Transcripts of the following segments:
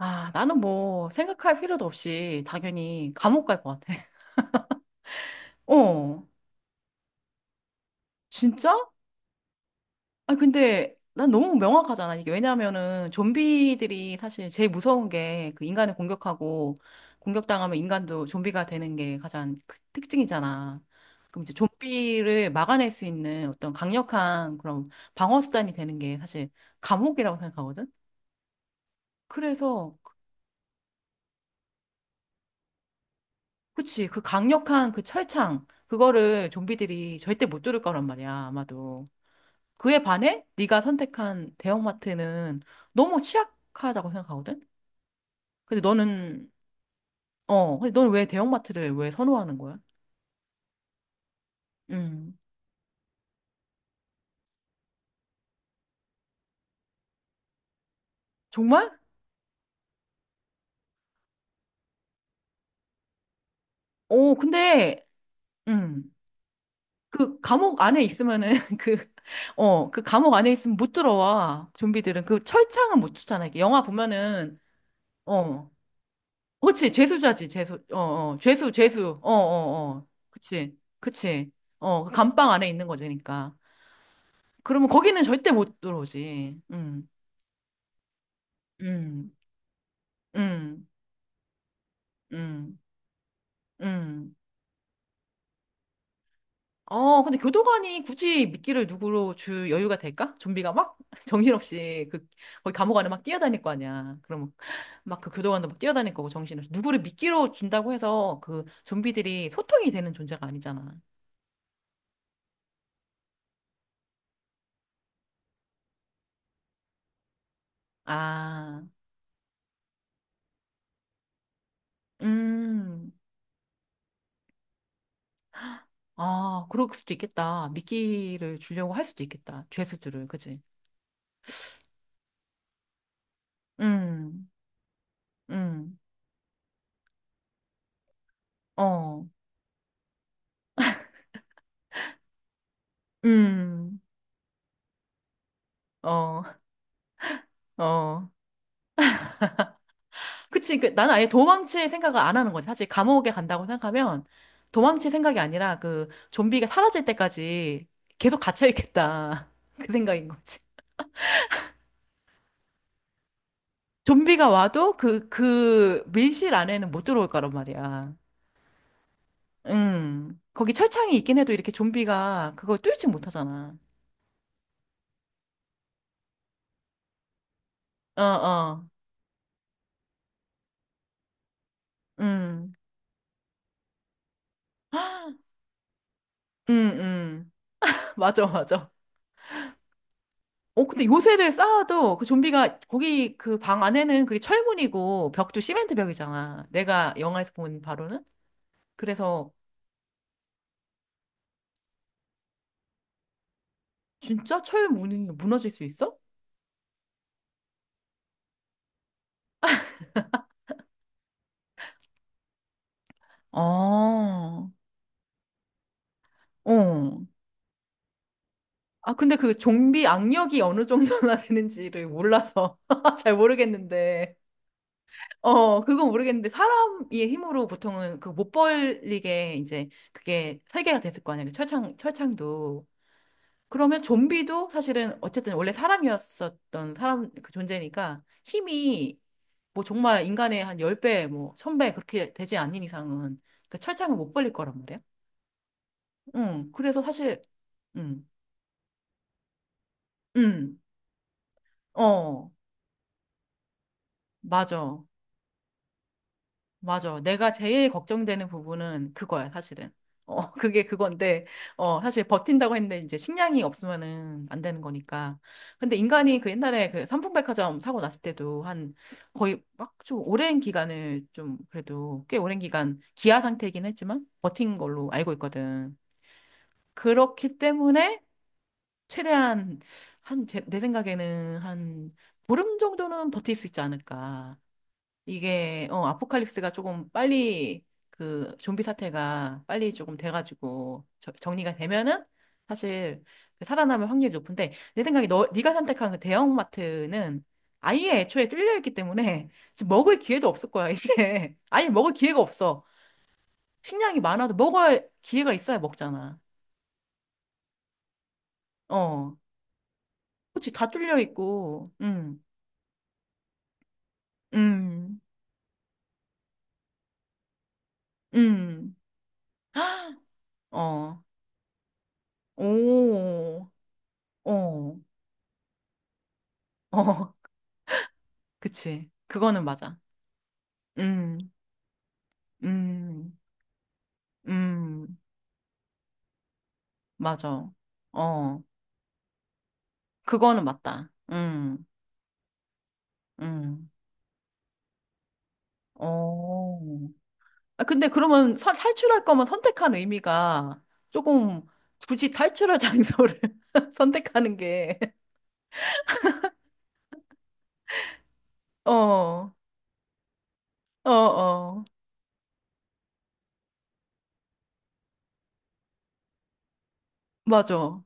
아, 나는 뭐 생각할 필요도 없이 당연히 감옥 갈 것 같아. 어, 진짜? 아, 근데 난 너무 명확하잖아. 이게 왜냐면은 좀비들이 사실 제일 무서운 게 그 인간을 공격하고 공격당하면 인간도 좀비가 되는 게 가장 그 특징이잖아. 그럼 이제 좀비를 막아낼 수 있는 어떤 강력한 그런 방어 수단이 되는 게 사실 감옥이라고 생각하거든. 그래서 그치. 그 강력한 그 철창, 그거를 좀비들이 절대 못 뚫을 거란 말이야, 아마도. 그에 반해 네가 선택한 대형마트는 너무 취약하다고 생각하거든? 근데 너는, 근데 너는 왜 대형마트를 왜 선호하는 거야? 음. 정말? 어, 근데, 음. 그 감옥 안에 있으면은 그, 그 감옥 안에 있으면 못 들어와. 좀비들은. 그 철창은 못 뚫잖아. 이게 영화 보면은, 어. 그치, 죄수자지죄수 어, 어, 제수, 제수, 어, 어, 어. 그치, 그치. 어, 그 감방 안에 있는 거지니까. 그러면 거기는 절대 못 들어오지. 음, 음, 음, 음. 어, 근데 교도관이 굳이 미끼를 누구로 줄 여유가 될까? 좀비가 막 정신없이 그, 거기 감옥 안에 막 뛰어다닐 거 아니야. 그러면 막 그 교도관도 막 뛰어다닐 거고 정신없이. 누구를 미끼로 준다고 해서 그 좀비들이 소통이 되는 존재가 아니잖아. 아, 음. 아, 그럴 수도 있겠다. 미끼를 주려고 할 수도 있겠다. 죄수들을, 그지? 음, 음, 어, 음, 어, 어. 그치, 그, 나는 아예 도망칠 생각을 안 하는 거지. 사실 감옥에 간다고 생각하면 도망칠 생각이 아니라 그 좀비가 사라질 때까지 계속 갇혀있겠다. 그 생각인 거지. 좀비가 와도 그 밀실 안에는 못 들어올 거란 말이야. 거기 철창이 있긴 해도 이렇게 좀비가 그걸 뚫지 못하잖아. 어어. 음, 음, 음. 맞아, 맞아. 어, 근데 요새를 쌓아도 그 좀비가 거기 그 방 안에는 그게 철문이고 벽도 시멘트 벽이잖아. 내가 영화에서 본 바로는. 그래서 진짜 철문이 무너질 수 있어? 아, 어. 아, 근데 그 좀비 악력이 어느 정도나 되는지를 몰라서 잘 모르겠는데. 어, 그건 모르겠는데 사람의 힘으로 보통은 그 못 벌리게 이제 그게 설계가 됐을 거 아니야. 그 철창, 철창도. 그러면 좀비도 사실은 어쨌든 원래 사람이었었던 사람 그 존재니까 힘이 뭐 정말 인간의 한 10배, 뭐 1000배 그렇게 되지 않는 이상은 그 철창을 못 벌릴 거란 말이야. 응. 그래서 사실 응. 응. 어. 맞아. 맞아. 내가 제일 걱정되는 부분은 그거야, 사실은. 어, 그게 그건데, 어, 사실 버틴다고 했는데 이제 식량이 없으면은 안 되는 거니까. 근데 인간이 그 옛날에 그 삼풍백화점 사고 났을 때도 한 거의 막 좀 오랜 기간을 좀 그래도 꽤 오랜 기간 기아 상태이긴 했지만 버틴 걸로 알고 있거든. 그렇기 때문에 최대한 한, 제, 내 생각에는 한 보름 정도는 버틸 수 있지 않을까. 이게 아포칼립스가 조금 빨리 그 좀비 사태가 빨리 조금 돼가지고 정리가 되면은 사실 그 살아남을 확률이 높은데 내 생각에 너 네가 선택한 그 대형마트는 아예 애초에 뚫려 있기 때문에 지금 먹을 기회도 없을 거야 이제. 아예 먹을 기회가 없어. 식량이 많아도 먹을 기회가 있어야 먹잖아. 어, 그치, 다 뚫려 있고. 음음음어 오, 어, 어. 그치. 그거는 맞아. 음, 음, 음, 맞아. 어, 그거는 맞다. 음, 어. 아, 근데 그러면 탈출할 거면 선택한 의미가 조금 굳이 탈출할 장소를 선택하는 게. 어, 어, 어, 맞아.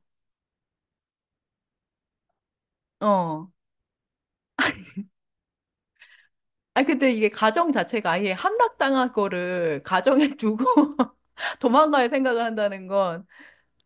어. 아, 근데 이게 가정 자체가 아예 함락당할 거를 가정에 두고 도망갈 생각을 한다는 건,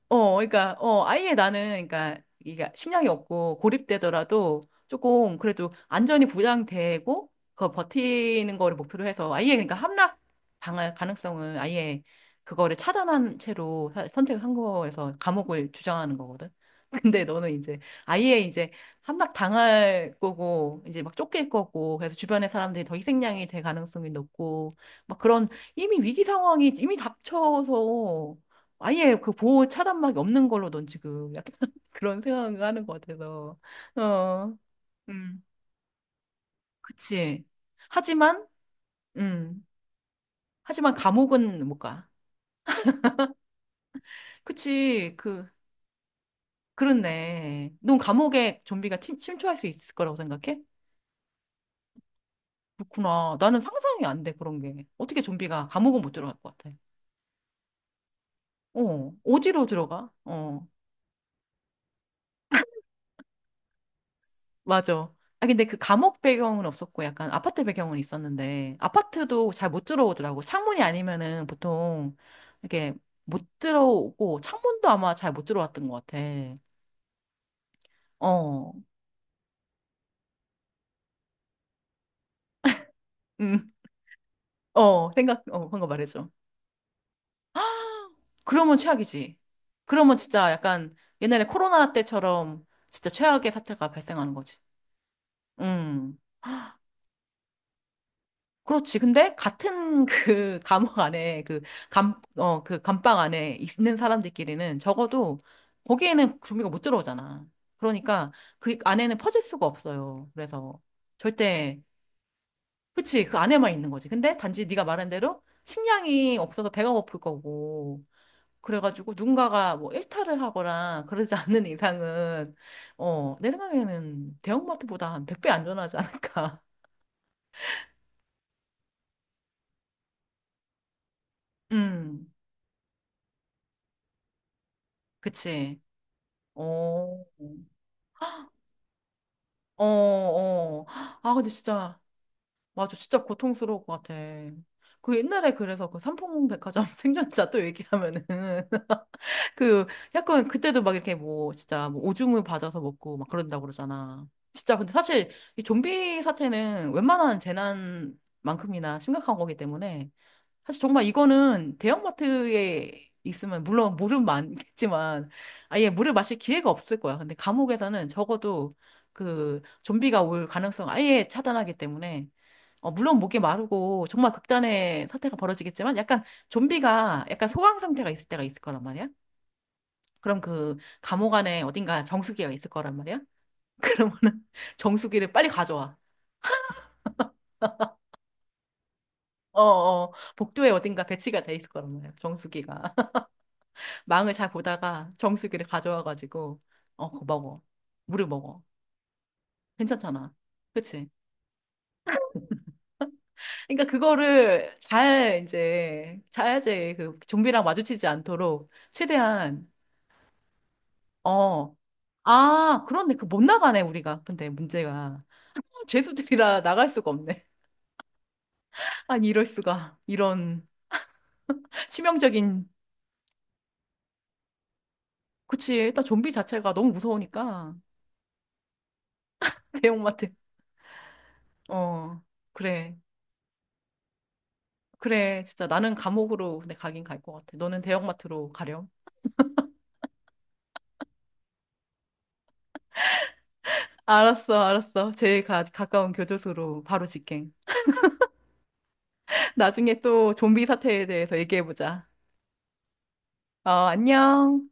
어, 그러니까, 어, 아예 나는, 그러니까, 이게 식량이 없고 고립되더라도 조금 그래도 안전이 보장되고, 그거 버티는 거를 목표로 해서 아예, 그러니까 함락 당할 가능성을 아예 그거를 차단한 채로 선택을 한 거에서 감옥을 주장하는 거거든. 근데 너는 이제 아예 이제 함락 당할 거고, 이제 막 쫓길 거고, 그래서 주변의 사람들이 더 희생양이 될 가능성이 높고, 막 그런 이미 위기 상황이 이미 닥쳐서 아예 그 보호 차단막이 없는 걸로 넌 지금 약간 그런 생각을 하는 것 같아서. 어, 음, 그치. 하지만, 음, 하지만 감옥은 못 가. 그치, 그, 그렇네. 넌 감옥에 좀비가 침, 침투할 수 있을 거라고 생각해? 그렇구나. 나는 상상이 안 돼, 그런 게. 어떻게 좀비가 감옥은 못 들어갈 것 같아. 어, 어디로 들어가? 어. 맞아. 아, 근데 그 감옥 배경은 없었고 약간 아파트 배경은 있었는데 아파트도 잘 못 들어오더라고. 창문이 아니면은 보통 이렇게 못 들어오고 창문도 아마 잘 못 들어왔던 것 같아. 어, 음, 어, 생각, 어, 방금 말해줘. 그러면 최악이지. 그러면 진짜 약간 옛날에 코로나 때처럼 진짜 최악의 사태가 발생하는 거지. 음. 그렇지. 근데 같은 그 감옥 안에 그 감방 안에 있는 사람들끼리는 적어도 거기에는 좀비가 못 들어오잖아. 그러니까 그 안에는 퍼질 수가 없어요. 그래서 절대, 그치. 그 안에만 있는 거지. 근데 단지 네가 말한 대로 식량이 없어서 배가 고플 거고. 그래가지고 누군가가 뭐 일탈을 하거나 그러지 않는 이상은, 어, 내 생각에는 대형마트보다 한 100배 안전하지 않을까. 음, 그치. 어. 어, 어. 아, 근데 진짜, 맞아. 진짜 고통스러울 것 같아. 그 옛날에 그래서 그 삼풍백화점 생존자 또 얘기하면은 그 약간 그때도 막 이렇게 뭐 진짜 뭐 오줌을 받아서 먹고 막 그런다고 그러잖아. 진짜 근데 사실 이 좀비 사태는 웬만한 재난만큼이나 심각한 거기 때문에 사실 정말 이거는 대형마트에 있으면 물론 물은 많겠지만 아예 물을 마실 기회가 없을 거야. 근데 감옥에서는 적어도 그 좀비가 올 가능성 아예 차단하기 때문에 어, 물론 목이 마르고 정말 극단의 사태가 벌어지겠지만 약간 좀비가 약간 소강 상태가 있을 때가 있을 거란 말이야. 그럼 그 감옥 안에 어딘가 정수기가 있을 거란 말이야. 그러면은 정수기를 빨리 가져와. 어, 어, 복도에 어딘가 배치가 돼 있을 거란 말이야. 정수기가. 망을 잘 보다가 정수기를 가져와가지고 그거 먹어. 물을 먹어. 괜찮잖아. 그치. 그러니까 그거를 잘 이제 자야지 그 좀비랑 마주치지 않도록 최대한. 어. 아, 그런데 그 못 나가네 우리가, 근데 문제가 죄수들이라 나갈 수가 없네. 아니, 이럴 수가. 이런 치명적인. 그치, 일단 좀비 자체가 너무 무서우니까. 대형마트. 어, 그래. 그래, 진짜 나는 감옥으로 근데 가긴 갈 것 같아. 너는 대형마트로 가렴. 알았어, 알았어. 제일 가까운 교도소로 바로 직행. 나중에 또 좀비 사태에 대해서 얘기해보자. 어, 안녕.